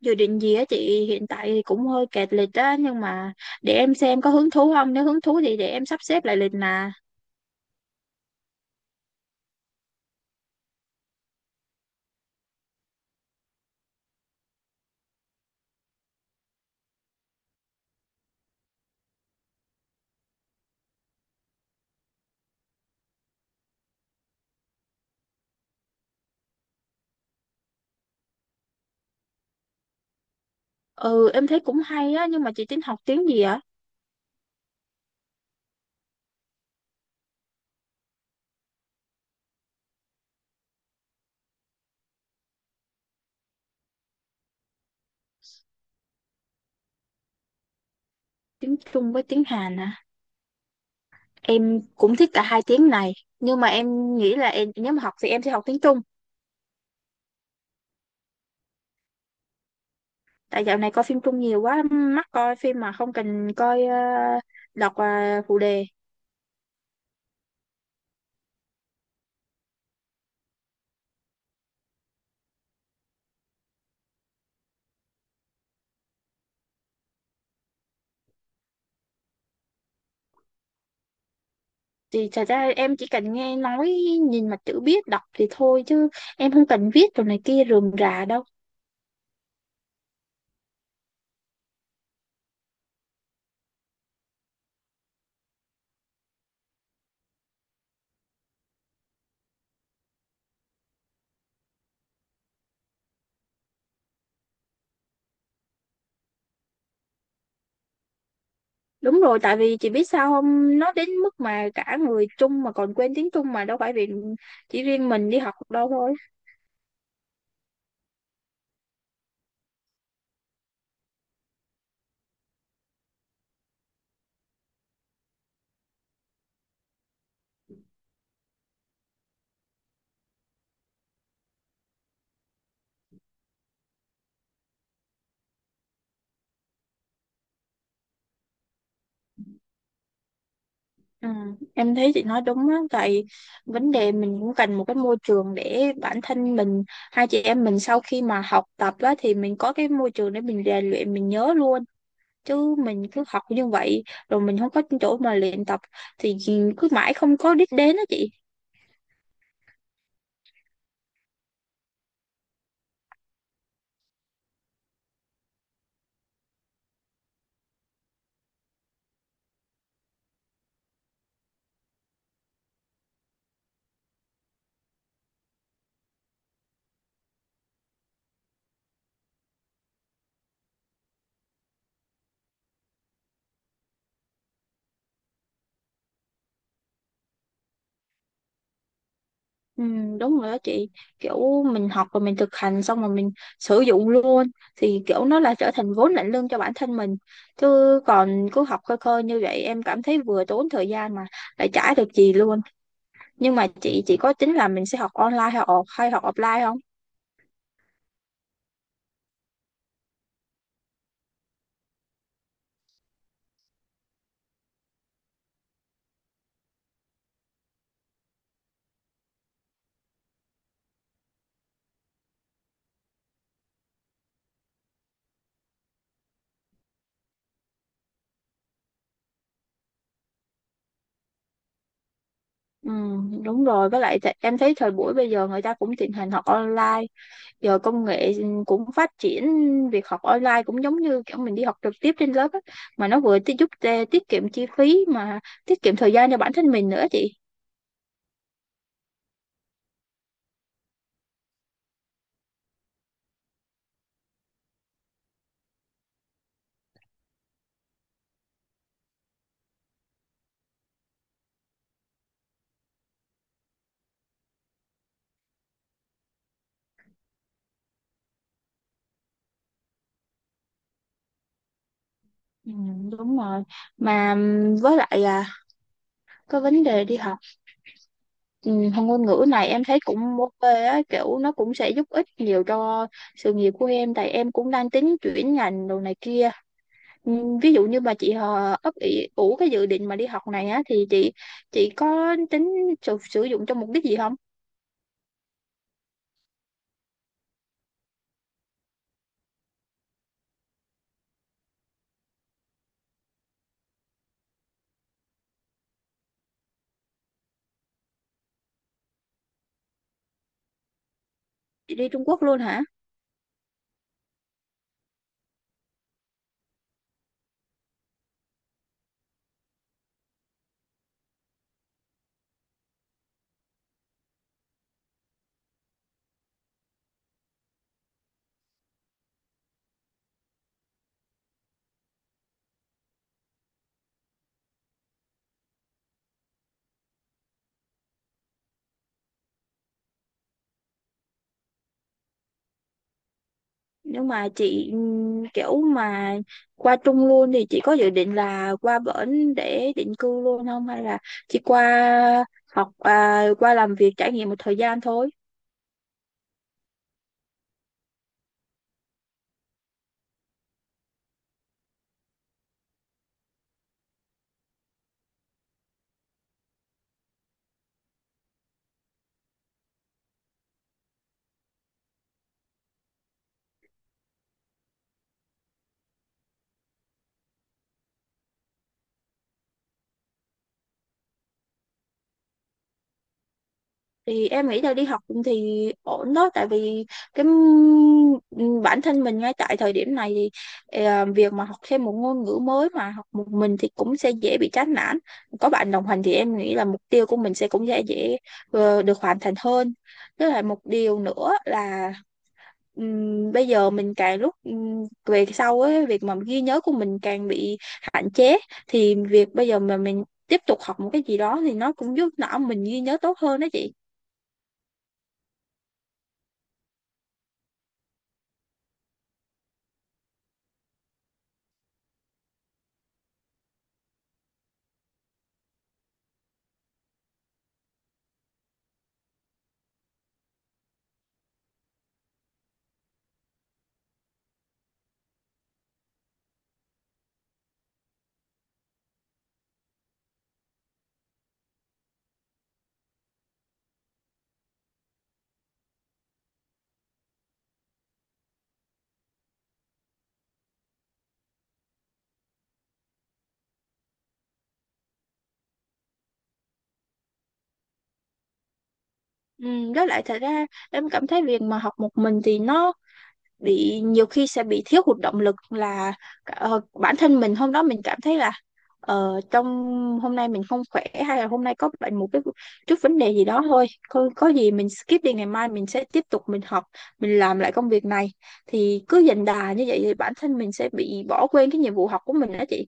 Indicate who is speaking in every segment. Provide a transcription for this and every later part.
Speaker 1: Dự định gì á chị? Hiện tại thì cũng hơi kẹt lịch á nhưng mà để em xem có hứng thú không, nếu hứng thú thì để em sắp xếp lại lịch mà. Ừ, em thấy cũng hay á, nhưng mà chị tính học tiếng gì á? Tiếng Trung với tiếng Hàn à? Em cũng thích cả hai tiếng này, nhưng mà em nghĩ là nếu mà học thì em sẽ học tiếng Trung. Tại dạo này coi phim Trung nhiều quá, mắc coi phim mà không cần coi đọc phụ đề. Thì thật ra em chỉ cần nghe nói, nhìn mặt chữ biết đọc thì thôi, chứ em không cần viết đồ này kia rườm rà đâu. Đúng rồi, tại vì chị biết sao không, nó đến mức mà cả người Trung mà còn quên tiếng Trung, mà đâu phải vì chỉ riêng mình đi học đâu thôi. Ừ, em thấy chị nói đúng á, tại vấn đề mình cũng cần một cái môi trường để bản thân mình, hai chị em mình sau khi mà học tập á, thì mình có cái môi trường để mình rèn luyện, mình nhớ luôn. Chứ mình cứ học như vậy, rồi mình không có chỗ mà luyện tập thì cứ mãi không có đích đến á chị. Ừ, đúng rồi đó chị, kiểu mình học rồi mình thực hành xong rồi mình sử dụng luôn thì kiểu nó là trở thành vốn lạnh lương cho bản thân mình, chứ còn cứ học khơi khơi như vậy em cảm thấy vừa tốn thời gian mà lại chả được gì luôn. Nhưng mà chị có tính là mình sẽ học online hay off hay học offline không? Ừ, đúng rồi, với lại em thấy thời buổi bây giờ người ta cũng thịnh hành học online, giờ công nghệ cũng phát triển, việc học online cũng giống như kiểu mình đi học trực tiếp trên lớp á. Mà nó vừa giúp tiết kiệm chi phí mà tiết kiệm thời gian cho bản thân mình nữa chị. Ừ, đúng rồi. Mà với lại à, cái vấn đề đi học, học ngôn ngữ này em thấy cũng ok á, kiểu nó cũng sẽ giúp ích nhiều cho sự nghiệp của em, tại em cũng đang tính chuyển ngành đồ này kia. Ví dụ như mà chị ấp ủ cái dự định mà đi học này á thì chị có tính sử sử dụng cho mục đích gì không? Chị đi Trung Quốc luôn hả? Nhưng mà chị, kiểu mà qua Trung luôn thì chị có dự định là qua bển để định cư luôn không, hay là chỉ qua học à, qua làm việc trải nghiệm một thời gian thôi? Thì em nghĩ là đi học thì ổn đó, tại vì bản thân mình ngay tại thời điểm này thì việc mà học thêm một ngôn ngữ mới mà học một mình thì cũng sẽ dễ bị chán nản, có bạn đồng hành thì em nghĩ là mục tiêu của mình sẽ cũng sẽ dễ được hoàn thành hơn. Với lại một điều nữa là bây giờ mình càng lúc về sau ấy, việc mà ghi nhớ của mình càng bị hạn chế, thì việc bây giờ mà mình tiếp tục học một cái gì đó thì nó cũng giúp não mình ghi nhớ tốt hơn đó chị. Ừ, với lại thật ra em cảm thấy việc mà học một mình thì nó bị, nhiều khi sẽ bị thiếu hụt động lực, là bản thân mình hôm đó mình cảm thấy là trong hôm nay mình không khỏe, hay là hôm nay có bệnh một cái chút vấn đề gì đó thôi, có gì mình skip đi, ngày mai mình sẽ tiếp tục mình học, mình làm lại công việc này, thì cứ dần đà như vậy thì bản thân mình sẽ bị bỏ quên cái nhiệm vụ học của mình đó chị.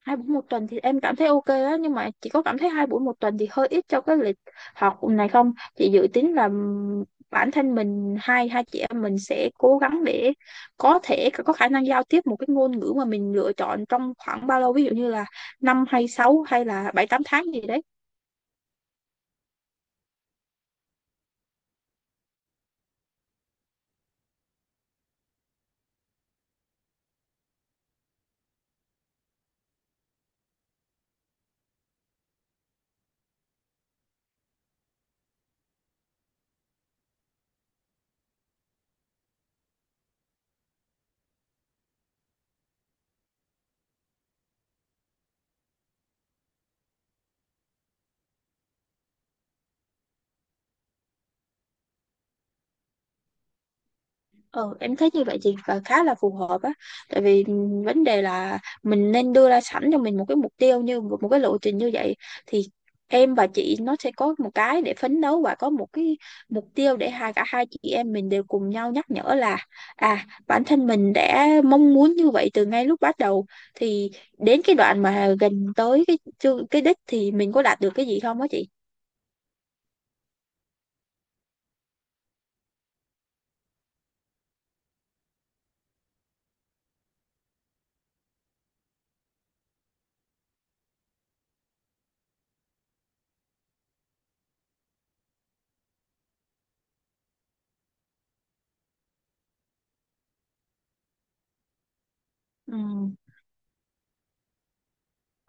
Speaker 1: Hai buổi một tuần thì em cảm thấy ok á, nhưng mà chị có cảm thấy hai buổi một tuần thì hơi ít cho cái lịch học này không? Chị dự tính là bản thân mình, hai hai chị em mình sẽ cố gắng để có thể có khả năng giao tiếp một cái ngôn ngữ mà mình lựa chọn trong khoảng bao lâu, ví dụ như là năm hay sáu hay là bảy tám tháng gì đấy? Ừ, em thấy như vậy chị và khá là phù hợp á, tại vì vấn đề là mình nên đưa ra sẵn cho mình một cái mục tiêu, như một một cái lộ trình như vậy thì em và chị nó sẽ có một cái để phấn đấu, và có một cái mục tiêu để cả hai chị em mình đều cùng nhau nhắc nhở là, à, bản thân mình đã mong muốn như vậy từ ngay lúc bắt đầu, thì đến cái đoạn mà gần tới cái đích thì mình có đạt được cái gì không á chị. Ừ.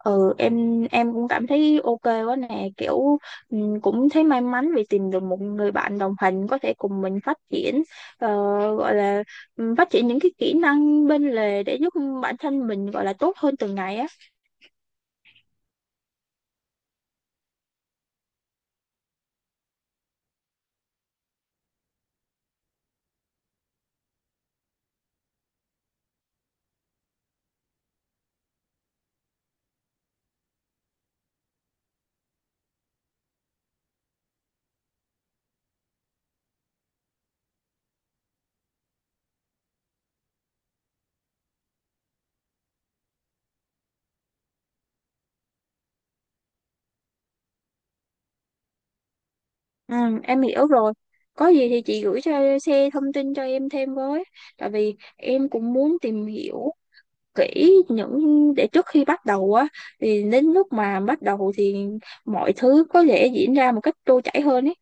Speaker 1: Ừ, em cũng cảm thấy ok quá nè, kiểu cũng thấy may mắn vì tìm được một người bạn đồng hành có thể cùng mình phát triển, ờ, gọi là phát triển những cái kỹ năng bên lề để giúp bản thân mình, gọi là tốt hơn từng ngày á. Ừ, em hiểu rồi, có gì thì chị gửi cho xe thông tin cho em thêm với, tại vì em cũng muốn tìm hiểu kỹ những để trước khi bắt đầu á, thì đến lúc mà bắt đầu thì mọi thứ có thể diễn ra một cách trôi chảy hơn ấy.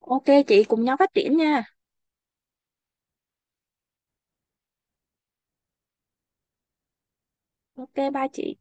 Speaker 1: Ok chị, cùng nhau phát triển nha. Ok ba chị.